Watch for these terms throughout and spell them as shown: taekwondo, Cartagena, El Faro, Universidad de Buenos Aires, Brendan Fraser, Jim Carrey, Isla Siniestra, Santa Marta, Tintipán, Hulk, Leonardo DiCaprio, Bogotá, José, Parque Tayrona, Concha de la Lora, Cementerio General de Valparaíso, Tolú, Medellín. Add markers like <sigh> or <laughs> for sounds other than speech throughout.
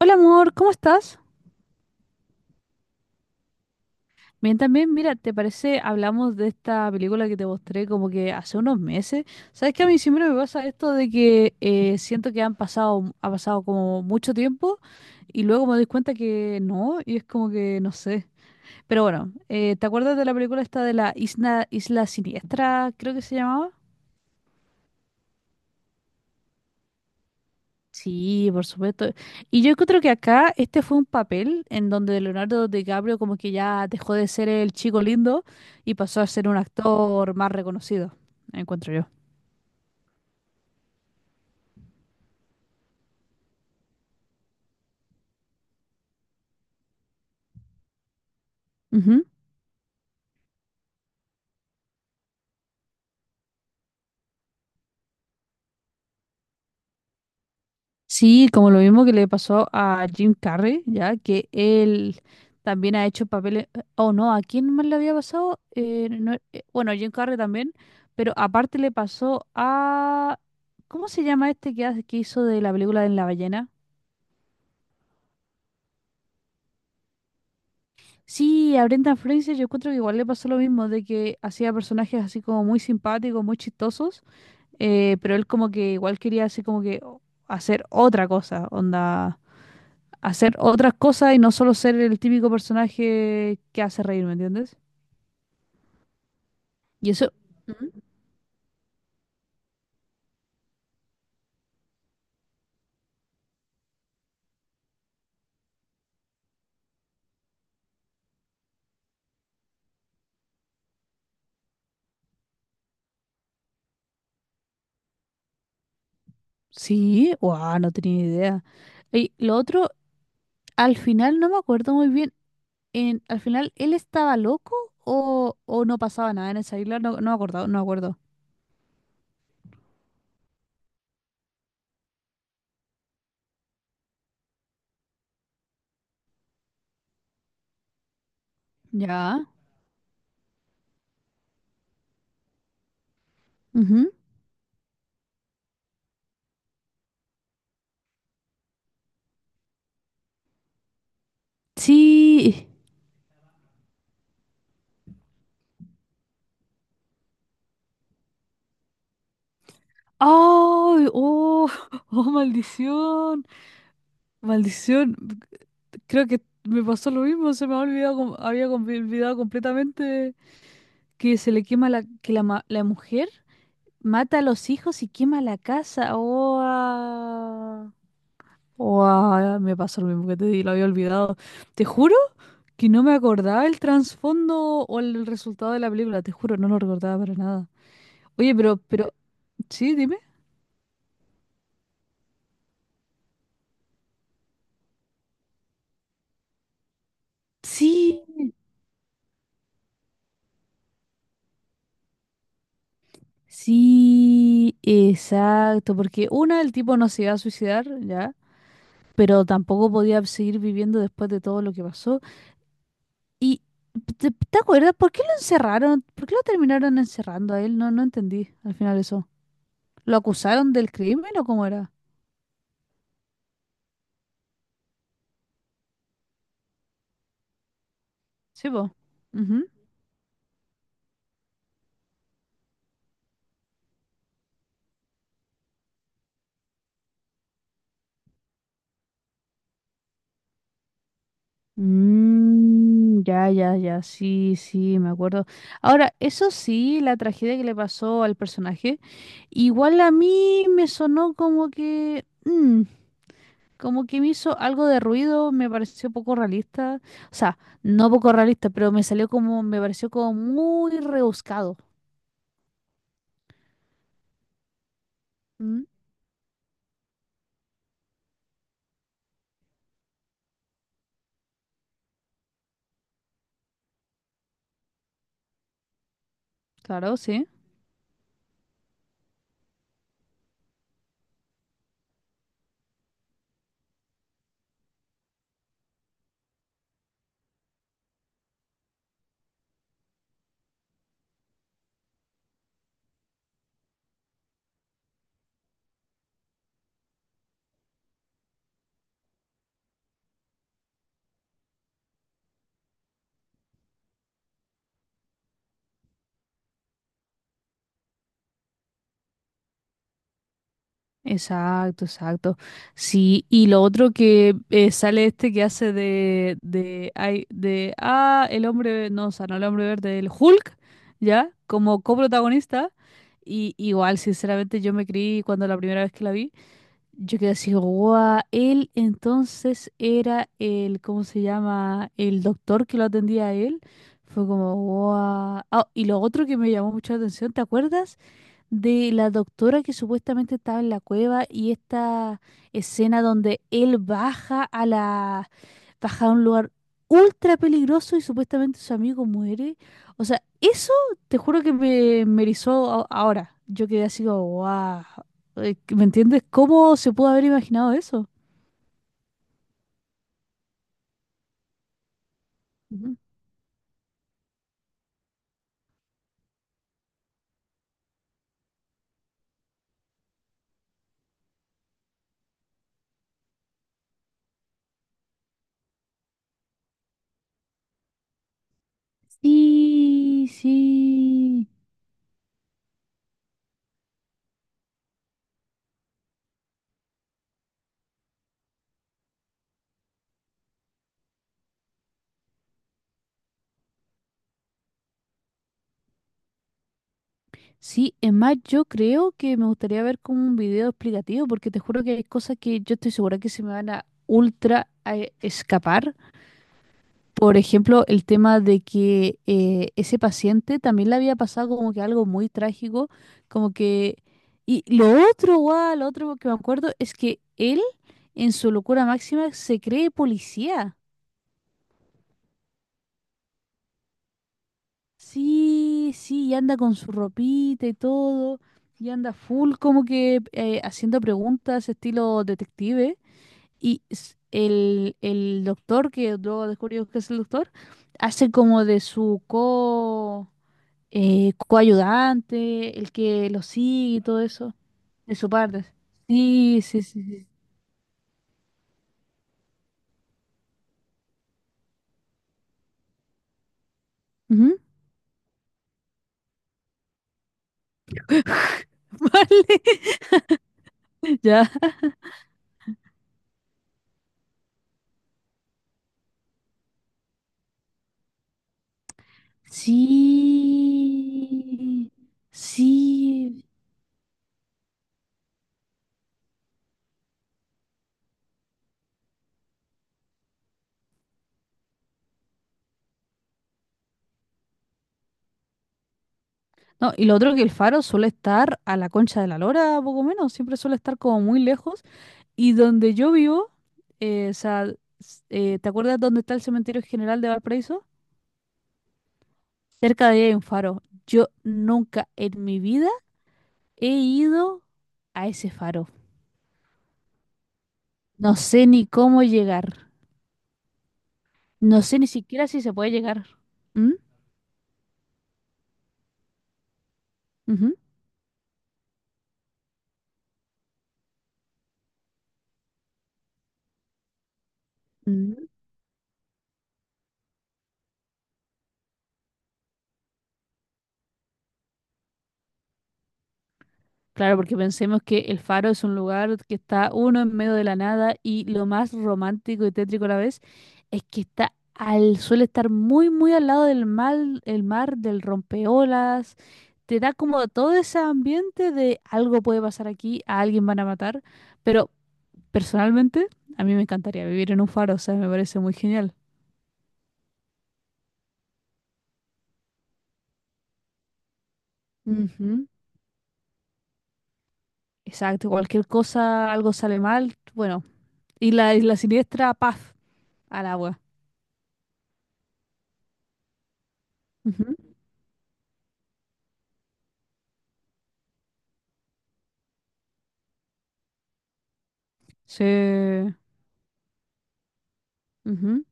Hola amor, ¿cómo estás? Bien, también, mira, ¿te parece? Hablamos de esta película que te mostré como que hace unos meses. ¿Sabes que a mí siempre me pasa esto de que siento que ha pasado como mucho tiempo y luego me doy cuenta que no, y es como que no sé. Pero bueno, ¿te acuerdas de la película esta de la Isla Siniestra, creo que se llamaba? Sí, por supuesto. Y yo creo que acá este fue un papel en donde Leonardo DiCaprio como que ya dejó de ser el chico lindo y pasó a ser un actor más reconocido, encuentro yo. Ujú. Sí, como lo mismo que le pasó a Jim Carrey, ya que él también ha hecho papeles. Oh, no, ¿a quién más le había pasado? No, Bueno, a Jim Carrey también, pero aparte le pasó a. ¿Cómo se llama este que hizo de la película de la ballena? Sí, a Brendan Fraser yo encuentro que igual le pasó lo mismo, de que hacía personajes así como muy simpáticos, muy chistosos, pero él como que igual quería así como que hacer otra cosa, onda, hacer otras cosas y no solo ser el típico personaje que hace reír, ¿me entiendes? Y eso, ujú. Sí, wow, no tenía idea. Y lo otro, al final no me acuerdo muy bien, en, al final él estaba loco o no pasaba nada en esa isla, no me acuerdo, no me acuerdo. Ya. Ujú. Sí. ¡Ay! ¡Oh! <laughs> ¡Oh, maldición! Maldición. Creo que me pasó lo mismo, se me había olvidado, olvidado completamente que se le quema la, que la, ma- la mujer mata a los hijos y quema la casa. ¡Oh! Ah. ¡Oh! Ah, me pasó lo mismo que te di, lo había olvidado. Te juro que no me acordaba el trasfondo o el resultado de la película, te juro, no lo recordaba para nada. Oye, sí, dime. Sí, sí, exacto, porque una, el tipo no se iba a suicidar, ¿ya? Pero tampoco podía seguir viviendo después de todo lo que pasó. Y, ¿te acuerdas por qué lo encerraron? ¿Por qué lo terminaron encerrando a él? No, no entendí al final eso. ¿Lo acusaron del crimen o cómo era? Sí, po. Ujú. Mm, ya, ya, ya, sí, sí, me acuerdo. Ahora, eso sí, la tragedia que le pasó al personaje, igual a mí me sonó como que… mm, como que me hizo algo de ruido, me pareció poco realista. O sea, no poco realista, pero me salió como, me pareció como muy rebuscado. Mm, claro, sí. Exacto, exacto. Sí, y lo otro que sale este que hace ay, de, ah, el hombre, no, o sea, no el hombre verde, el Hulk, ¿ya? Como coprotagonista. Y igual, sinceramente, yo me creí cuando la primera vez que la vi. Yo quedé así, guau, él entonces era el, ¿cómo se llama? El doctor que lo atendía a él. Fue como, guau. Ah, y lo otro que me llamó mucho la atención, ¿te acuerdas? De la doctora que supuestamente estaba en la cueva y esta escena donde él baja a la baja a un lugar ultra peligroso y supuestamente su amigo muere. O sea, eso te juro que me erizó ahora. Yo quedé así como, wow. ¿Me entiendes? ¿Cómo se pudo haber imaginado eso? Ujú. Sí, sí. Sí, es más, yo creo que me gustaría ver como un video explicativo, porque te juro que hay cosas que yo estoy segura que se me van a ultra a escapar. Por ejemplo, el tema de que ese paciente también le había pasado como que algo muy trágico, como que… Y lo otro, guau, lo otro que me acuerdo es que él, en su locura máxima, se cree policía. Sí, sí, y anda con su ropita y todo, y anda full como que haciendo preguntas estilo detective. Y el doctor, que luego descubrimos que es el doctor, hace como de su co, coayudante, el que lo sigue y todo eso, de su parte. Sí, sí, sí, sí. Ujú. <laughs> Vale, ya. Sí, sí, no, y lo otro que el faro suele estar a la Concha de la Lora, poco menos, siempre suele estar como muy lejos. Y donde yo vivo, o sea, ¿te acuerdas dónde está el Cementerio General de Valparaíso? Cerca de ahí hay un faro. Yo nunca en mi vida he ido a ese faro. No sé ni cómo llegar. No sé ni siquiera si se puede llegar. ¿Mm? Ujú. Claro, porque pensemos que el Faro es un lugar que está uno en medio de la nada y lo más romántico y tétrico a la vez es que está al, suele estar muy, muy al lado del mar, el mar, del rompeolas. Te da como todo ese ambiente de algo puede pasar aquí, a alguien van a matar. Pero personalmente, a mí me encantaría vivir en un faro, o sea, me parece muy genial. Ujú, exacto, cualquier cosa, algo sale mal, bueno. Y la isla siniestra, paf, al agua. Ujú. Sí. Ujú.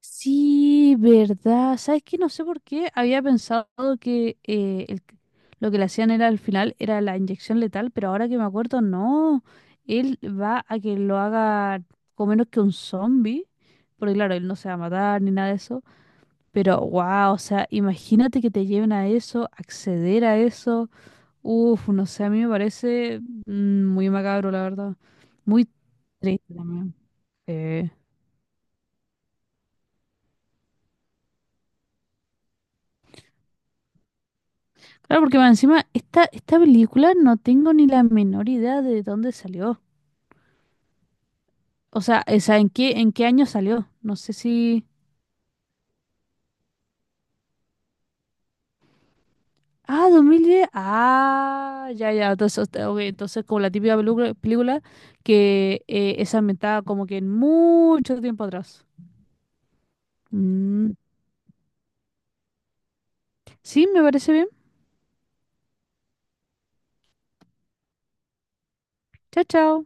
Sí, verdad. ¿Sabes qué? No sé por qué había pensado que el lo que le hacían era al final era la inyección letal, pero ahora que me acuerdo, no. Él va a que lo haga con menos que un zombie, porque claro, él no se va a matar ni nada de eso. Pero wow, o sea, imagínate que te lleven a eso, acceder a eso. Uf, no sé, a mí me parece mm, muy macabro, la verdad. Muy triste también. Sí. Claro, porque más encima, esta película no tengo ni la menor idea de dónde salió. O sea, ¿en qué año salió? No sé si… Ah, 2010, ah, ya, ya. Entonces, este, ok, entonces como la típica película que es ambientada como que en mucho tiempo atrás. Mm, sí, me parece bien. Chao, chao.